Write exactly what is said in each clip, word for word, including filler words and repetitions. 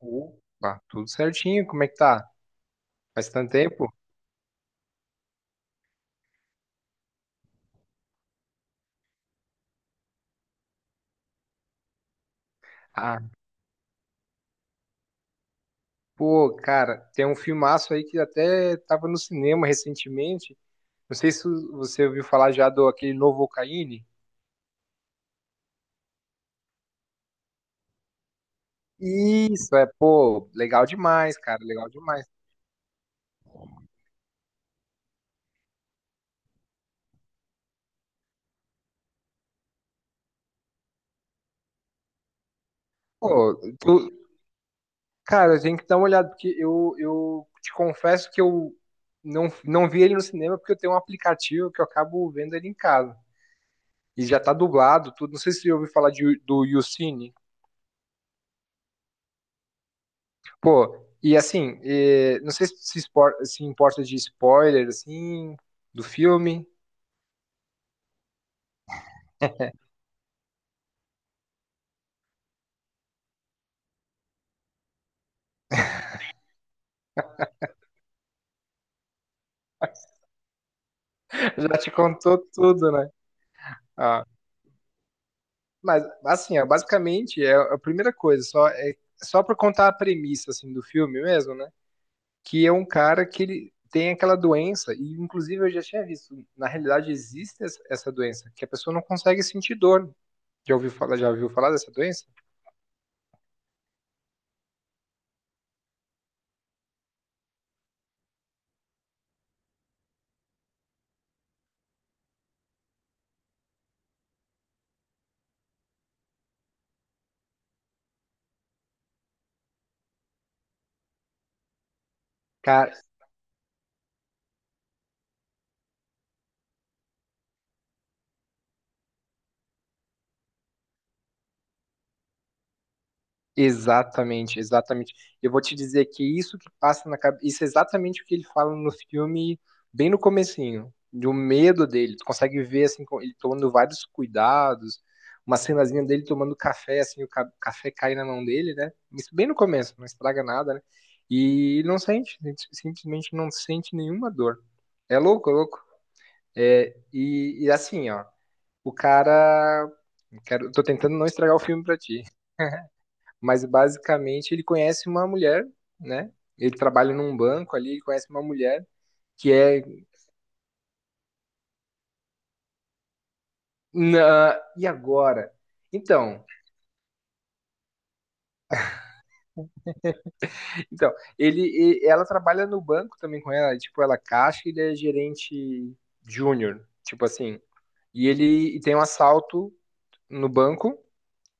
Opa, tudo certinho, como é que tá? Faz tanto tempo? Ah, pô, cara, tem um filmaço aí que até tava no cinema recentemente. Não sei se você ouviu falar já do aquele novo Ocaíne. Isso, é, pô, legal demais, cara, legal demais. Pô, tu, cara, tem que dar uma olhada, porque eu, eu te confesso que eu não, não vi ele no cinema porque eu tenho um aplicativo que eu acabo vendo ele em casa. E já tá dublado, tudo. Não sei se você ouviu falar de, do YouCine. Pô, e assim, eh, não sei se se espor- se importa de spoiler, assim, do filme. Já te contou tudo, né? Ah, mas, assim, ó, basicamente, é a primeira coisa, só, é, só pra contar a premissa, assim, do filme mesmo, né? Que é um cara que ele tem aquela doença, e inclusive eu já tinha visto, na realidade existe essa essa doença, que a pessoa não consegue sentir dor. Já ouviu falar, já ouviu falar dessa doença? Cara, exatamente, exatamente. Eu vou te dizer que isso que passa na cabeça, isso é exatamente o que ele fala no filme, bem no comecinho, do medo dele. Tu consegue ver assim, com- ele tomando vários cuidados, uma cenazinha dele tomando café, assim, o ca- café cai na mão dele, né? Isso bem no começo, não estraga nada, né? E ele não sente, ele simplesmente não sente nenhuma dor. É louco, é louco. É, e, e assim, ó, o cara, quero, tô tentando não estragar o filme pra ti, mas basicamente ele conhece uma mulher, né? Ele trabalha num banco ali, ele conhece uma mulher que é na... e agora? Então, então, ele, e- ela trabalha no banco também com ela, tipo, ela é caixa, e ele é gerente júnior, tipo assim. E ele e tem um assalto no banco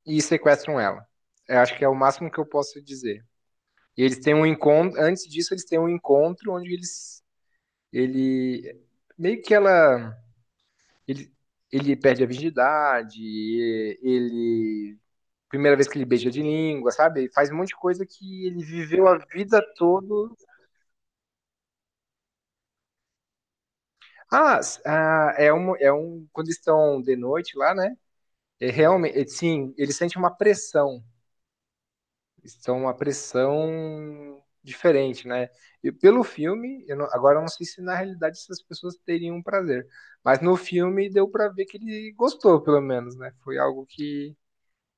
e sequestram ela. Eu acho que é o máximo que eu posso dizer. E eles têm um encontro, antes disso eles têm um encontro onde eles ele meio que ela. Ele, ele perde a virgindade, e- ele. Primeira vez que ele beija de língua, sabe? Ele faz um monte de coisa que ele viveu a vida toda. Ah, s- ah, é um, é um. Quando estão de noite lá, né? É realmente, é, sim, ele sente uma pressão. Estão uma pressão diferente, né? E pelo filme, eu não, agora eu não sei se na realidade essas pessoas teriam um prazer. Mas no filme deu pra ver que ele gostou, pelo menos, né? Foi algo que,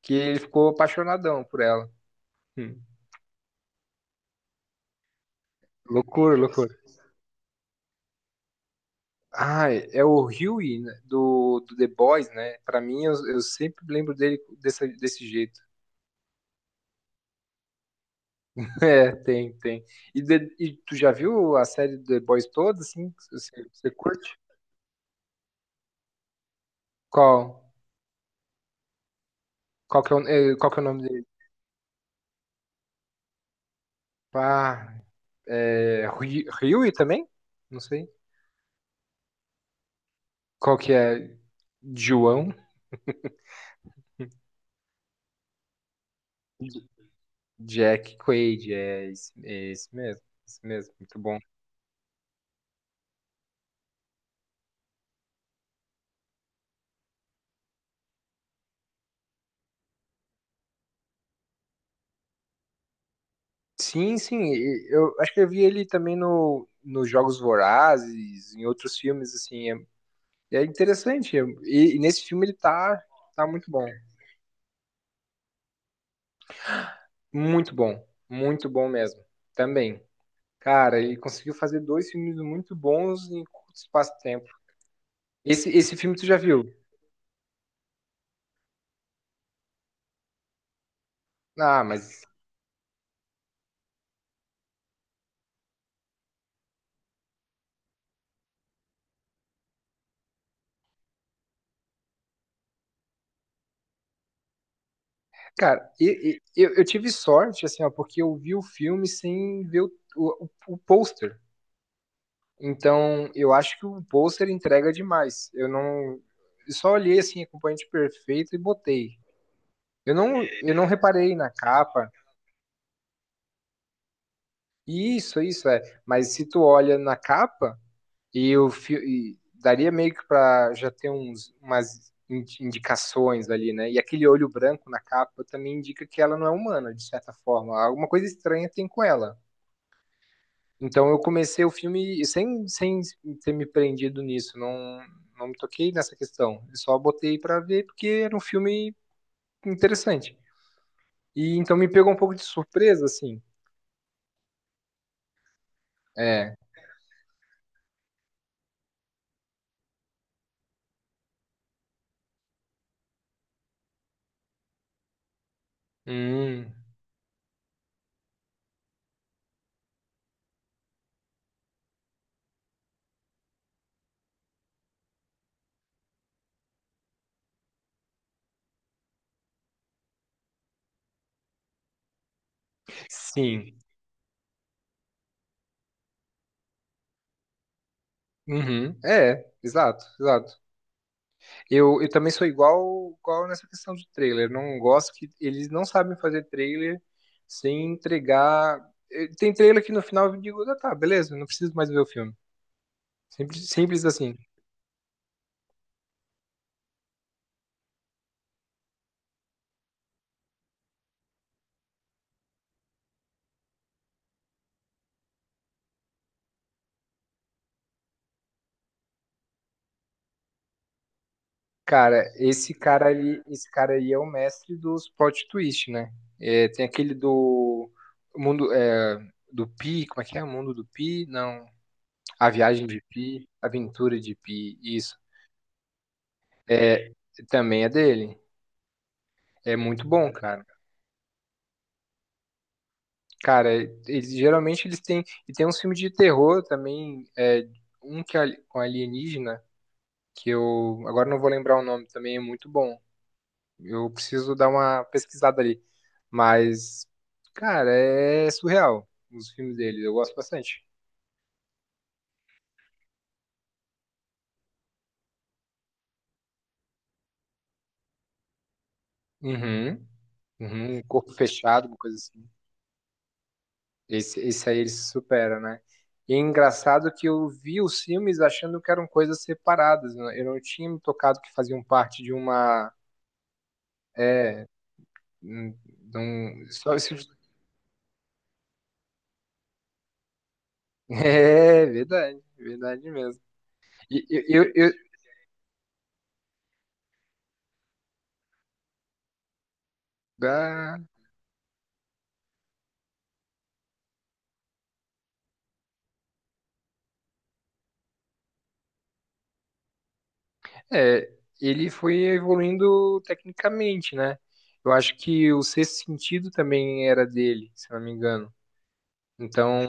que ele ficou apaixonadão por ela. Hum. Loucura, loucura. Ah, é o Huey né, do, do The Boys, né? Pra mim, eu, eu sempre lembro dele desse, desse jeito. É, tem, tem. E, de- e tu já viu a série do The Boys toda, assim? Você, você curte? Qual? Qual que é o, eh, qual que é o nome dele? Ah, é, Hui- Huey também? Não sei. Qual que é? João? J- Jack Quaid, é esse, é esse mesmo. Esse mesmo, muito bom. Sim, sim. E eu acho que eu vi ele também no, nos Jogos Vorazes, em outros filmes, assim. É, é interessante. é- E, e nesse filme ele tá, tá muito bom. Muito bom. Muito bom mesmo. Também. Cara, ele conseguiu fazer dois filmes muito bons em curto espaço de tempo. Esse, esse filme tu já viu? Ah, mas. Cara, e- e- eu, eu tive sorte, assim, ó, porque eu vi o filme sem ver o, o, o pôster. Então, eu acho que o pôster entrega demais. Eu não. Eu só olhei assim, acompanhante perfeito e botei. Eu não, eu não reparei na capa. Isso, isso é. Mas se tu olha na capa, e eu fi- e daria meio que pra já ter uns, umas in- indicações ali, né? E aquele olho branco na capa também indica que ela não é humana, de certa forma. Alguma coisa estranha tem com ela. Então eu comecei o filme sem, sem ter me prendido nisso, não, não me toquei nessa questão. Eu só botei pra ver porque era um filme interessante. E então me pegou um pouco de surpresa, assim. É. Hum, sim. Uhum. É, exato, exato. Eu, eu também sou igual, igual nessa questão de trailer. Não gosto que eles não sabem fazer trailer sem entregar. Eh, Tem trailer que no final eu digo, ah, tá, beleza, não preciso mais ver o filme. Simples, simples assim. Cara, esse cara ali, esse cara aí é o mestre dos plot twist, né? É, tem aquele do mundo é, do Pi, como é que é? O mundo do Pi? Não, a viagem de Pi, a aventura de Pi, isso. É, também é dele. É muito bom, cara. Cara, eles geralmente eles têm e tem uns filmes de terror também, é, um que é ali- com alienígena que eu agora não vou lembrar o nome, também é muito bom. Eu preciso dar uma pesquisada ali. Mas, cara, é surreal os filmes dele. Eu gosto bastante. Uhum. Uhum. Corpo fechado, uma coisa assim. Esse, esse aí ele se supera, né? E é engraçado que eu vi os filmes achando que eram coisas separadas, né? Eu não tinha me tocado que faziam parte de uma. É. hum, de um- só esse- É verdade, verdade mesmo. E eu, eu, eu- ah, É, ele foi evoluindo tecnicamente, né? Eu acho que o Sexto Sentido também era dele, se não me engano. Então,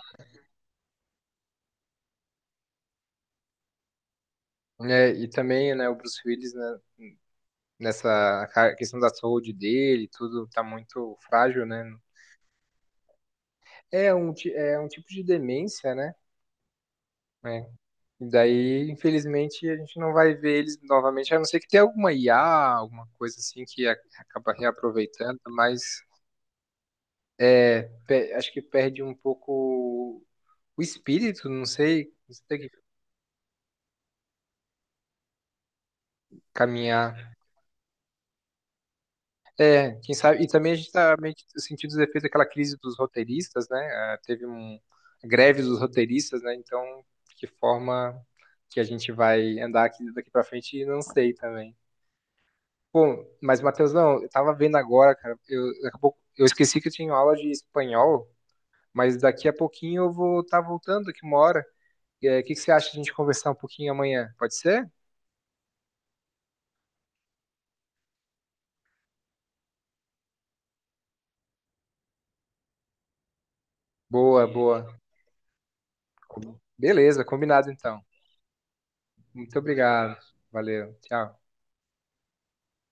né, e também, né, o Bruce Willis, né, nessa ca- questão da saúde dele, tudo tá muito frágil, né? É um, ti- é um tipo de demência, né? É. E daí, infelizmente, a gente não vai ver eles novamente, a não ser que tenha alguma I A, alguma coisa assim que a- acaba reaproveitando, mas é, pe- acho que perde um pouco o espírito, não sei, você tem que caminhar. É, quem sabe, e também a gente tá meio que sentindo os efeitos daquela crise dos roteiristas, né? Ah, teve um a greve dos roteiristas, né? Então, que forma que a gente vai andar aqui daqui para frente, não sei também. Bom, mas Matheus, não, eu tava vendo agora, cara, eu, daqui a pouco, eu esqueci que eu tinha aula de espanhol, mas daqui a pouquinho eu vou estar voltando aqui uma hora. É, o que que você acha de a gente conversar um pouquinho amanhã? Pode ser? Boa, boa. Beleza, combinado então. Muito obrigado. Valeu. Tchau.